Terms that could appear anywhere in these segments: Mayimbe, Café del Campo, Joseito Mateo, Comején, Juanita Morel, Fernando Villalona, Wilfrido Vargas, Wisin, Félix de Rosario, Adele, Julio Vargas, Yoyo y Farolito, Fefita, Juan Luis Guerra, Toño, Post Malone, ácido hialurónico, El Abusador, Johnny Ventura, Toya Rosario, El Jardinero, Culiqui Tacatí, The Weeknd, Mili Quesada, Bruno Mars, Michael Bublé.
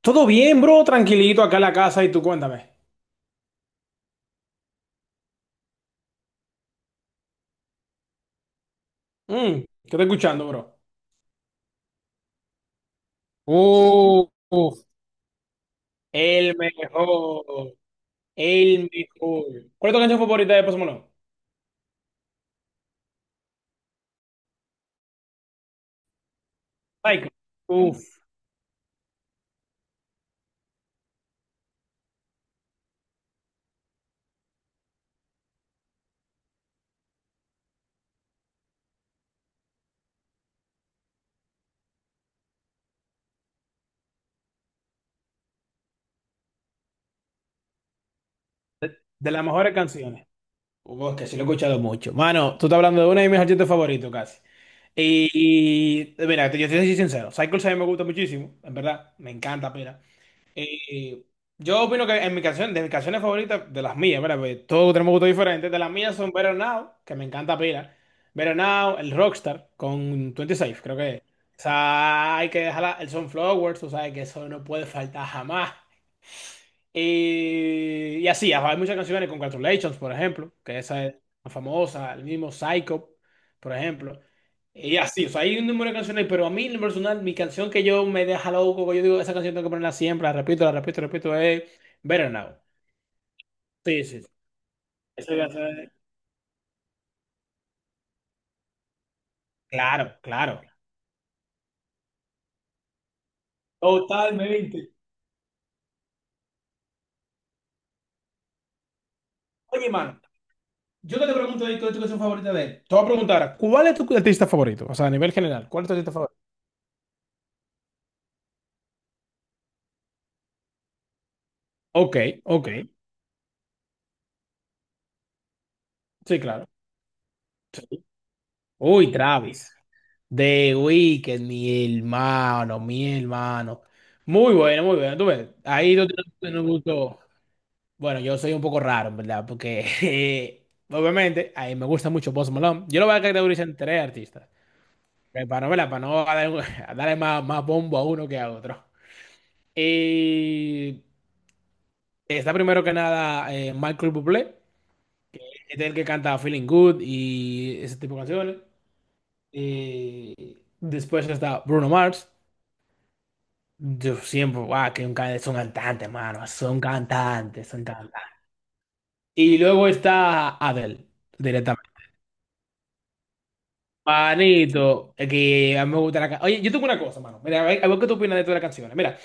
Todo bien, bro, tranquilito acá en la casa y tú cuéntame. Mm, ¿qué te escuchando, bro? Uf. El mejor, el mejor. ¿Cuál es tu canción favorita de Post Malone? Psycho. Uf, de las mejores canciones. Uf, que sí lo he escuchado mucho. Mano, tú estás hablando de una de mis artistas favoritos casi. Y, mira, yo te soy sincero. Psycho sí me gusta muchísimo, en verdad, me encanta, pero. Y yo opino que en mi canción, de mis canciones favoritas, de las mías, ¿verdad? Porque todos tenemos gustos diferentes. De las mías son Better Now, que me encanta pila. Better Now, el Rockstar, con 26, creo que es. O sea, hay que dejar el Sunflower. Tú sabes que eso no puede faltar jamás. Y así, hay muchas canciones. Congratulations, por ejemplo, que esa es más famosa. El mismo Psycho, por ejemplo. Y así, o sea, hay un número de canciones, pero a mí, en lo personal, mi canción, que yo me deja loco, que yo digo, esa canción tengo que ponerla siempre, la repito, la repito, la repito, es Better Now. Sí, sí, sí. Esa canción es. Claro, claro. Totalmente. Oye, mano, yo que te pregunto ahí, ¿cuál es tu canción favorita de él? Te voy a preguntar, ahora, ¿cuál es tu artista favorito? O sea, a nivel general, ¿cuál es tu artista favorito? Ok, ok. Sí, claro. Sí. Uy, Travis. The Weeknd, mi hermano, mi hermano. Muy bueno, muy bueno. Tú ves, ahí tú tienes un gusto. Bueno, yo soy un poco raro, ¿en verdad? Porque obviamente a mí me gusta mucho Post Malone. Yo lo voy a categorizar en tres artistas. Para no, ¿verdad? Para no dar- a darle más bombo a uno que a otro. Y está primero que nada Michael Bublé, que es el que canta Feeling Good y ese tipo de canciones. Eh, después está Bruno Mars. Yo siempre, guau, que un cantante, son cantantes, mano, son cantantes, son cantantes. Y luego está Adele, directamente. Manito, es que a mí me gusta la canción. Oye, yo tengo una cosa, mano. Mira, a ver qué tú opinas de todas las canciones. Mira,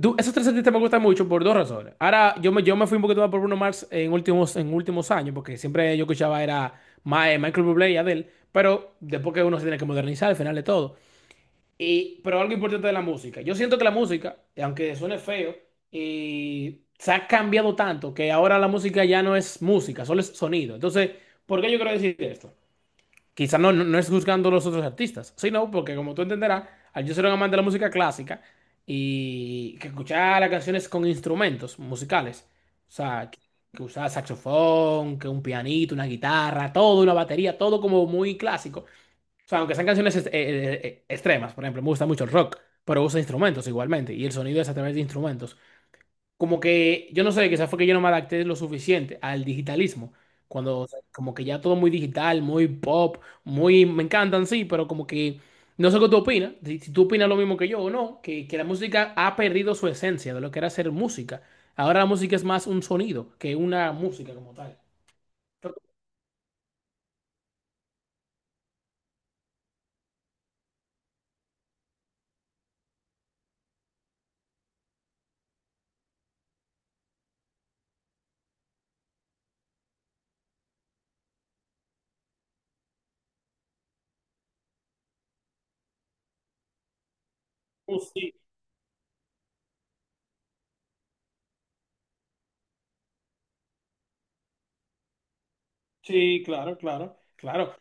tú. Esos tres artistas me gustan mucho por dos razones. Ahora, yo me fui un poquito más por Bruno Mars en últimos años, porque siempre yo escuchaba era Michael Bublé y Adele, pero después que uno se tiene que modernizar al final de todo. Y, pero algo importante de la música. Yo siento que la música, aunque suene feo, y se ha cambiado tanto que ahora la música ya no es música, solo es sonido. Entonces, ¿por qué yo quiero decir esto? Quizá no es juzgando a los otros artistas, sino porque, como tú entenderás, al yo ser un amante de la música clásica y que escuchaba las canciones con instrumentos musicales, o sea, que usaba saxofón, que un pianito, una guitarra, todo, una batería, todo como muy clásico. O sea, aunque sean canciones extremas, por ejemplo, me gusta mucho el rock, pero usa instrumentos igualmente, y el sonido es a través de instrumentos. Como que, yo no sé, quizás fue que yo no me adapté lo suficiente al digitalismo, cuando, o sea, como que ya todo muy digital, muy pop, muy, me encantan, sí, pero como que, no sé qué tú opinas, si tú opinas lo mismo que yo o no, que la música ha perdido su esencia de lo que era ser música. Ahora la música es más un sonido que una música como tal. Creo que. Sí, sí, claro, claro, claro.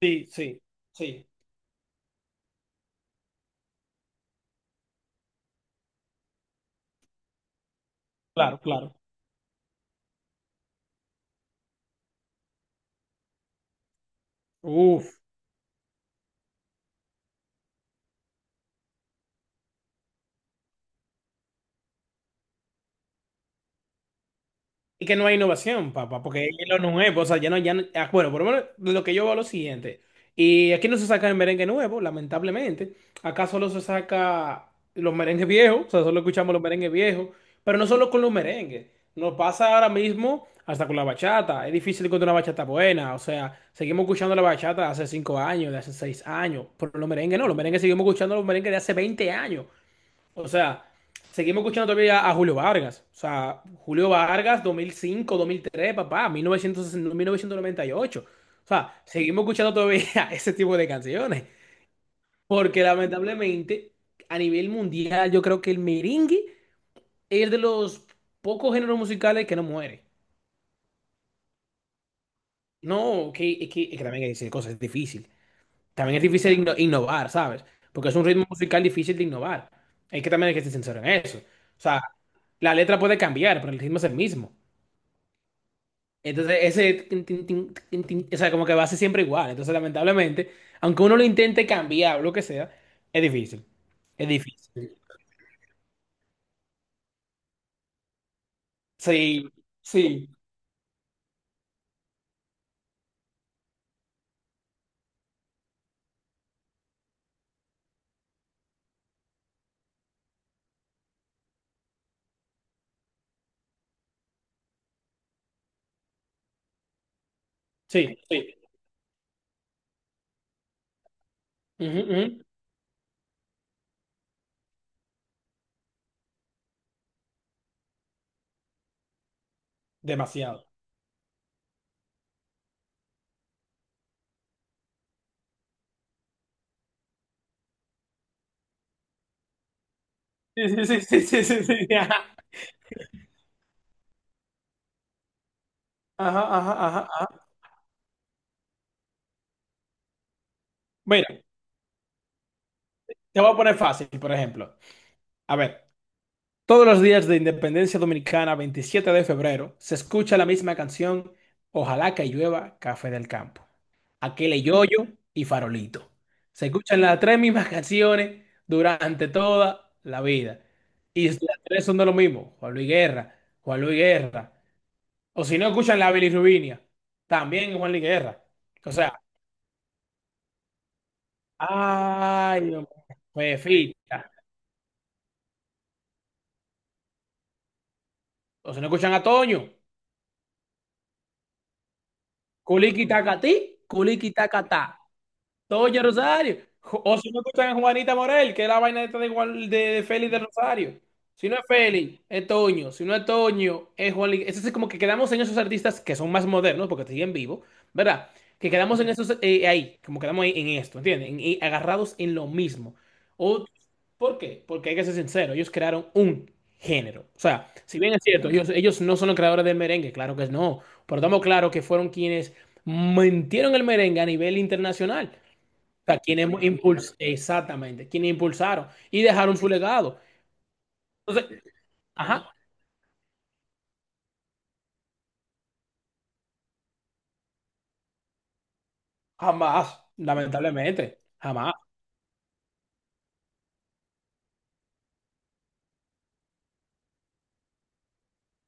Sí, sí, sí. Claro, claro. Uf. Y que no hay innovación, papá, porque es lo nuevo, o sea, ah, bueno, por lo menos lo que yo veo es lo siguiente. Y aquí no se saca el merengue nuevo, lamentablemente. Acá solo se saca los merengues viejos, o sea, solo escuchamos los merengues viejos, pero no solo con los merengues. Nos pasa ahora mismo hasta con la bachata. Es difícil encontrar una bachata buena, o sea, seguimos escuchando la bachata de hace 5 años, de hace 6 años, pero los merengues no, los merengues seguimos escuchando los merengues de hace 20 años. O sea, seguimos escuchando todavía a Julio Vargas. O sea, Julio Vargas, dos 2005, 2003, papá, mil novecientos noventa y ocho. O sea, seguimos escuchando todavía ese tipo de canciones. Porque lamentablemente, a nivel mundial, yo creo que el merengue es de los pocos géneros musicales que no muere. No, que, es que también hay que decir cosas, es difícil. También es difícil innovar, ¿sabes? Porque es un ritmo musical difícil de innovar. Hay que también hay que ser sincero en eso. O sea, la letra puede cambiar, pero el ritmo es el mismo. Entonces, ese, tin, tin, tin, tin, tin, o sea, como que va a ser siempre igual. Entonces, lamentablemente, aunque uno lo intente cambiar o lo que sea, es difícil. Es difícil. Sí, sí, sí, sí. Ujú, ujú. Demasiado. Sí, sí, sí, sí, sí, sí, sí. Ajá, ajá, ajá, ajá. Ajá. Mira, te voy a poner fácil, por ejemplo. A ver. Todos los días de Independencia Dominicana, 27 de febrero, se escucha la misma canción, Ojalá que llueva Café del Campo. Aquel Yoyo y Farolito. Se escuchan las tres mismas canciones durante toda la vida. Y las tres son de lo mismo, Juan Luis Guerra, Juan Luis Guerra. O si no escuchan la bilirrubinia, también Juan Luis Guerra. O sea, ay, Dios mío, Fefita. O si no escuchan a Toño, Culiqui Tacatí, Culiqui Tacatá. Toya Rosario. O si no escuchan a Juanita Morel, que es la vaina esta de, de Félix de Rosario. Si no es Félix, es Toño. Si no es Toño, es Juan. Es como que quedamos en esos artistas que son más modernos, porque siguen vivos, ¿verdad? Que quedamos en esos ahí, como quedamos ahí en esto, ¿entiendes? Agarrados en lo mismo. O, ¿por qué? Porque hay que ser sincero, ellos crearon un género. O sea, si bien es cierto, ellos no son los creadores del merengue, claro que no. Pero estamos claros que fueron quienes mintieron el merengue a nivel internacional. Sea, quienes impulsaron, exactamente, quienes impulsaron y dejaron su legado. Entonces, ajá, jamás, lamentablemente, jamás,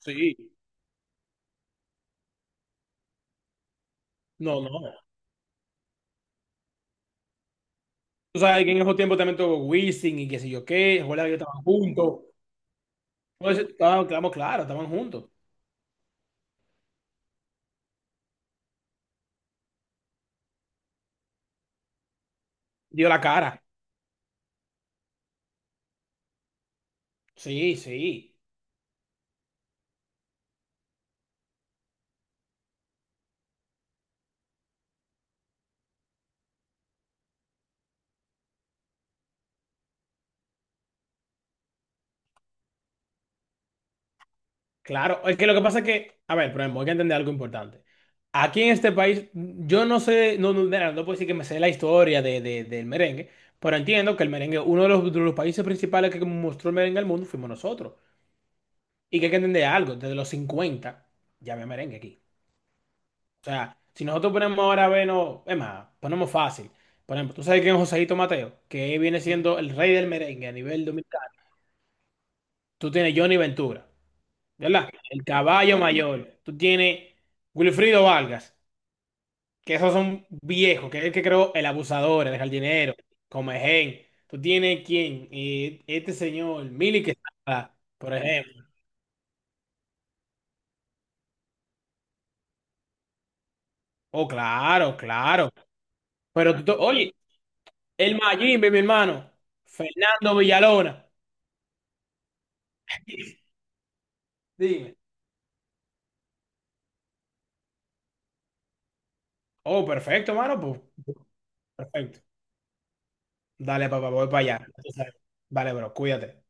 sí, no, no. Tú sabes que en esos tiempos también tuvo Wisin y qué sé yo qué, Juan que estaban juntos. Entonces, estábamos, claro, claro, estaban juntos, dio la cara, sí, sí. Claro, es que lo que pasa es que, a ver, por ejemplo, hay que entender algo importante. Aquí en este país, yo no sé, no, no, mira, no puedo decir que me sé la historia del merengue, pero entiendo que el merengue, uno de los países principales que mostró el merengue al mundo fuimos nosotros. Y que hay que entender algo, desde los 50, ya había merengue aquí. O sea, si nosotros ponemos ahora, bueno, es más, ponemos fácil. Por ejemplo, tú sabes quién es Joseito Mateo, que viene siendo el rey del merengue a nivel dominicano. Tú tienes Johnny Ventura. ¿Verdad? El caballo mayor. Tú tienes Wilfrido Vargas, que esos son viejos, que es el que creó El Abusador, El Jardinero, Comején. Tú tienes quién. Este señor, Mili Quesada, por ejemplo. Oh, claro, claro. Pero tú, oye, el Mayimbe, mi hermano, Fernando Villalona. Dime. Oh, perfecto, mano, pues. Perfecto. Dale, papá, voy para allá. Vale, bro, cuídate.